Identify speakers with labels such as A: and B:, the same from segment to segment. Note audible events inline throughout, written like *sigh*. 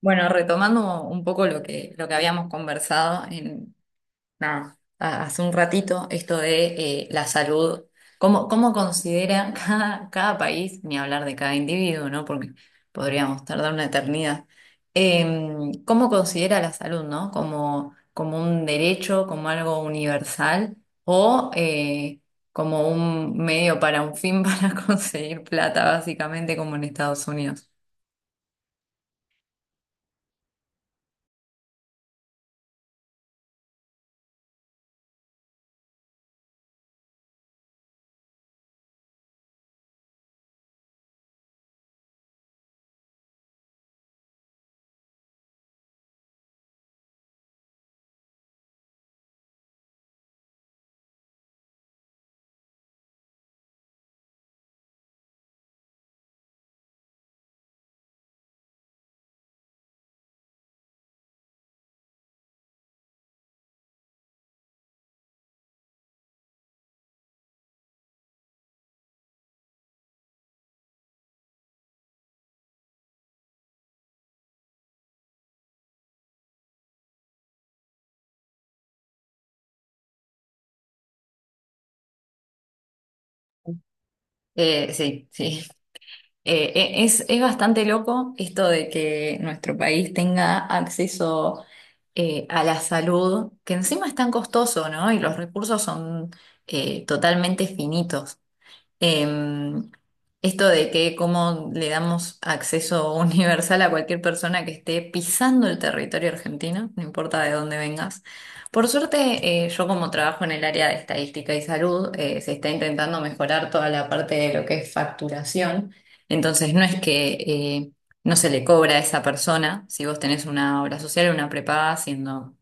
A: Bueno, retomando un poco lo que habíamos conversado nada, hace un ratito, esto de la salud, cómo considera *laughs* cada país, ni hablar de cada individuo, ¿no? Porque podríamos tardar una eternidad. ¿Cómo considera la salud, no? Como un derecho, como algo universal o como un medio para un fin *laughs* para conseguir plata, básicamente como en Estados Unidos? Sí, sí. Es bastante loco esto de que nuestro país tenga acceso a la salud, que encima es tan costoso, ¿no? Y los recursos son totalmente finitos. Em, esto de que cómo le damos acceso *laughs* universal a cualquier persona que esté pisando el territorio argentino, no importa de dónde vengas. Por suerte, yo como trabajo en el área de estadística y salud, se está intentando mejorar toda la parte de lo que es facturación. Entonces, no es que no se le cobra a esa persona, si vos tenés una obra social o una prepaga, siendo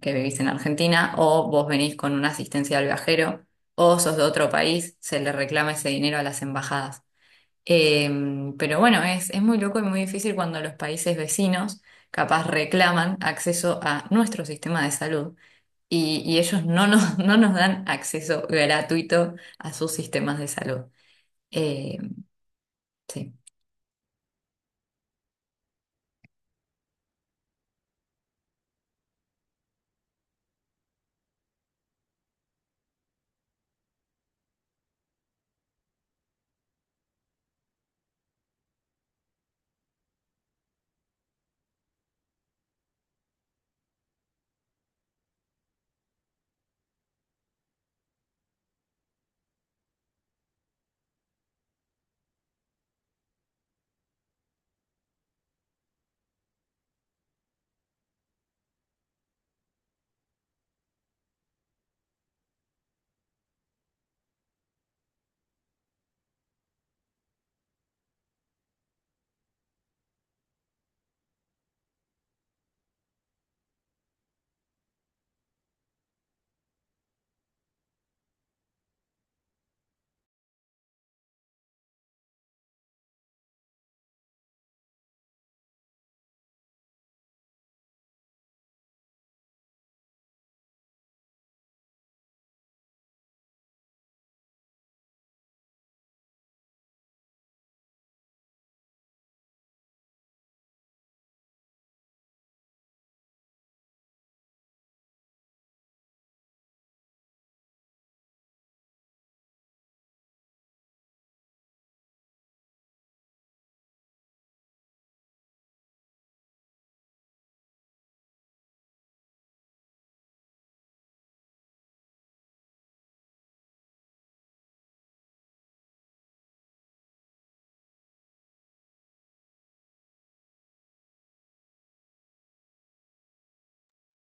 A: que vivís en Argentina, o vos venís con una asistencia al viajero, o sos de otro país, se le reclama ese dinero a las embajadas. Eh, pero bueno, es muy loco y muy difícil cuando los países vecinos capaz reclaman acceso a nuestro sistema de salud y ellos no nos dan acceso gratuito a sus sistemas de salud. Eh, sí.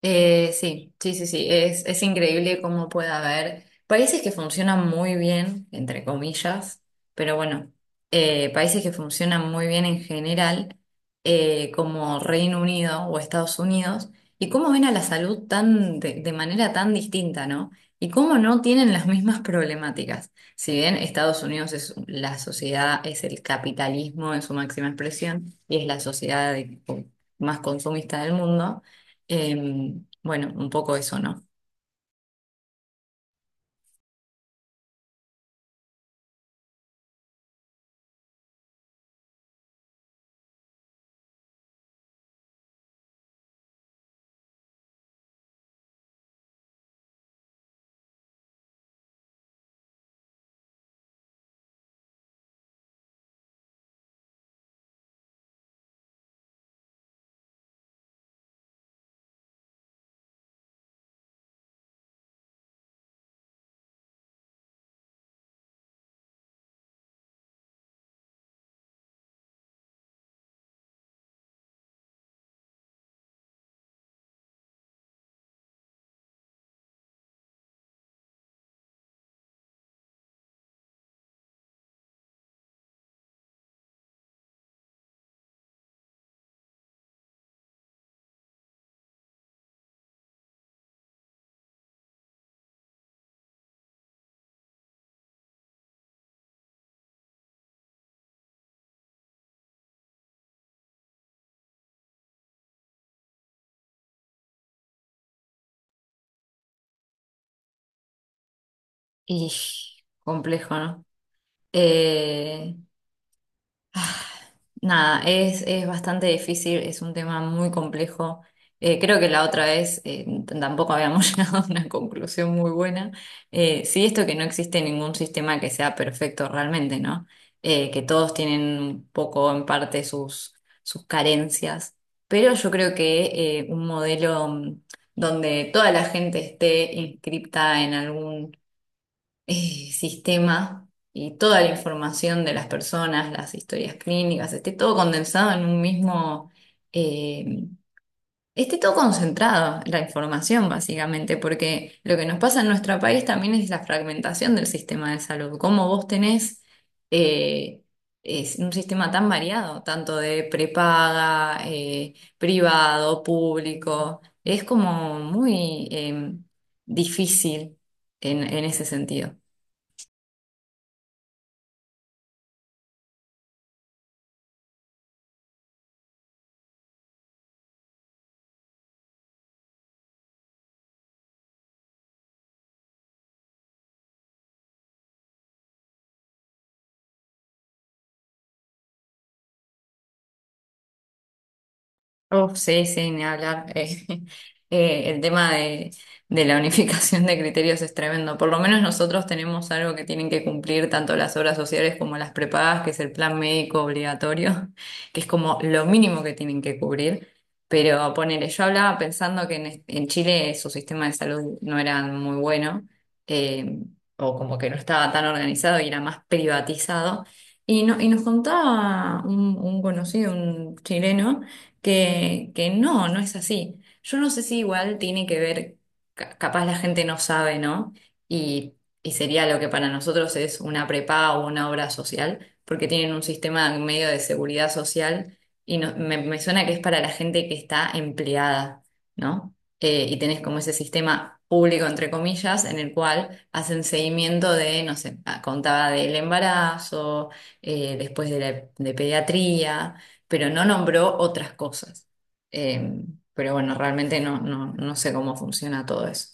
A: Sí, sí, sí, sí, es increíble cómo puede haber países que funcionan muy bien, entre comillas, pero bueno, países que funcionan muy bien en general, como Reino Unido o Estados Unidos, y cómo ven a la salud tan de manera tan distinta, ¿no? Y cómo no tienen las mismas problemáticas. Si bien Estados Unidos es la sociedad, es el capitalismo en su máxima expresión y es la sociedad más consumista del mundo. Bueno, un poco eso, ¿no? Y complejo, ¿no? Eh, Ah, Nada, es bastante difícil, es un tema muy complejo. Creo que la otra vez *laughs* tampoco habíamos *laughs* llegado a una conclusión muy buena. Sí, esto que no existe ningún sistema que sea perfecto realmente, ¿no? Que todos tienen un poco en parte sus carencias, pero yo creo que un modelo donde toda la gente esté inscripta en algún sistema y toda la información de las personas, las historias clínicas, esté todo condensado en un mismo, eh, esté todo concentrado, la información básicamente, porque lo que nos pasa en nuestro país también es la fragmentación del sistema de salud, cómo vos tenés eh, Es un sistema tan variado, tanto de prepaga, privado, público. Es como muy difícil en ese sentido. Uf, sí, sí, ni hablar. *laughs* El tema de la unificación de criterios es tremendo. Por lo menos nosotros tenemos algo que tienen que cumplir tanto las obras sociales como las prepagas, que es el plan médico obligatorio, *laughs* que es como lo mínimo que tienen que cubrir. Pero ponele, yo hablaba pensando que en Chile su sistema de salud no era muy bueno, eh, o como que no estaba tan organizado y era más privatizado. Y, no, y nos contaba un conocido, un chileno que no, no es así. Yo no sé si igual tiene que ver, capaz la gente no sabe, ¿no? Y, y sería lo que para nosotros es una prepa o una obra social, porque tienen un sistema medio de seguridad social y me suena que es para la gente que está empleada, ¿no? Y tenés como ese sistema público, entre comillas, en el cual hacen seguimiento de, no sé, contaba del embarazo, después de de pediatría pero no nombró otras cosas. Eh, pero bueno, realmente no sé cómo funciona todo eso.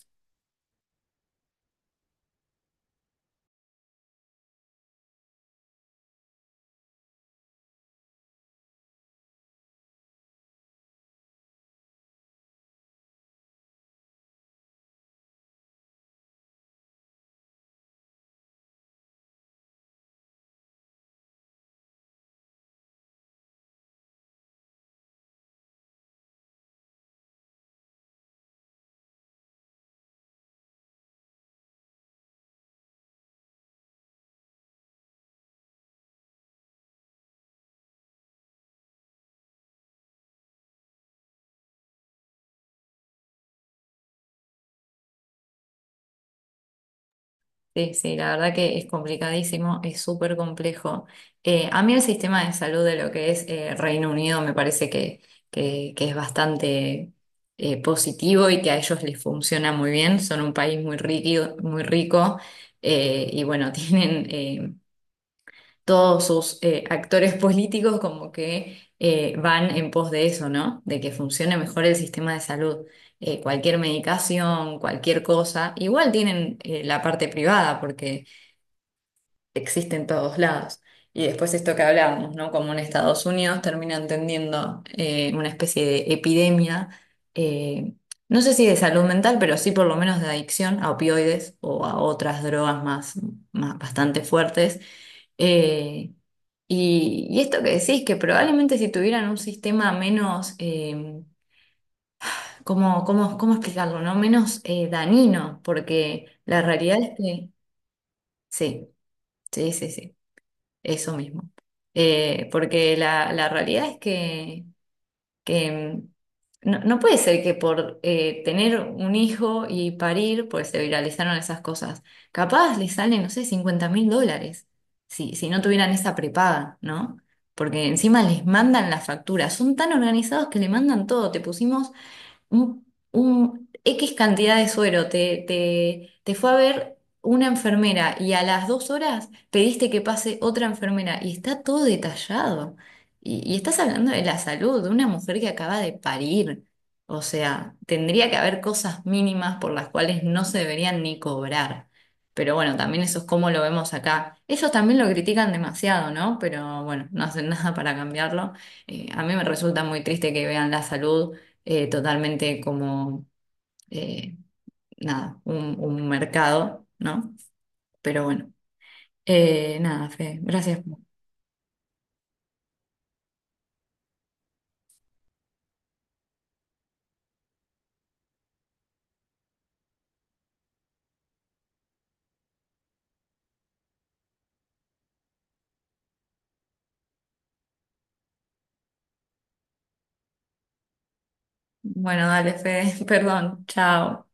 A: Sí, sí, la verdad que es complicadísimo, es súper complejo. A mí el sistema de salud de lo que es Reino Unido me parece que es bastante positivo y que a ellos les funciona muy bien. Son un país muy rico y bueno, *laughs* tienen todos sus actores *laughs* políticos como que van en pos de eso, ¿no? De que funcione mejor el sistema de salud. Cualquier medicación, cualquier cosa, igual tienen la parte privada porque existe en todos lados. Y después esto que hablábamos, ¿no? Como en Estados Unidos terminan tendiendo una especie de epidemia, eh, no sé si de salud mental, pero sí por lo menos de adicción a opioides o a otras drogas más bastante fuertes, eh, y esto que decís, que probablemente si tuvieran un sistema menos, ¿cómo explicarlo, no? Menos dañino, porque la realidad es que, sí, sí, sí, sí, eso mismo. Porque la realidad es que no, puede ser que por tener un hijo y parir, pues se viralizaron esas cosas. Capaz les salen, no sé, $50.000 si no tuvieran esa prepaga, ¿no? Porque encima les mandan la factura. Son tan organizados que le mandan todo. Te pusimos un, un X cantidad de suero, te fue a ver una enfermera y a las 2 horas pediste que pase otra enfermera y está todo detallado. Y estás hablando de la salud de una mujer que acaba de parir. O sea, tendría que haber cosas mínimas por las cuales no se deberían ni cobrar. Pero bueno, también eso es como lo vemos acá. Ellos también lo critican demasiado, ¿no? Pero bueno, no hacen *laughs* nada para cambiarlo. A mí me resulta muy triste que vean la salud totalmente como, eh, nada, un mercado, ¿no? Pero bueno, nada, Fede, gracias. Bueno, dale, Fede, *laughs* perdón, chao.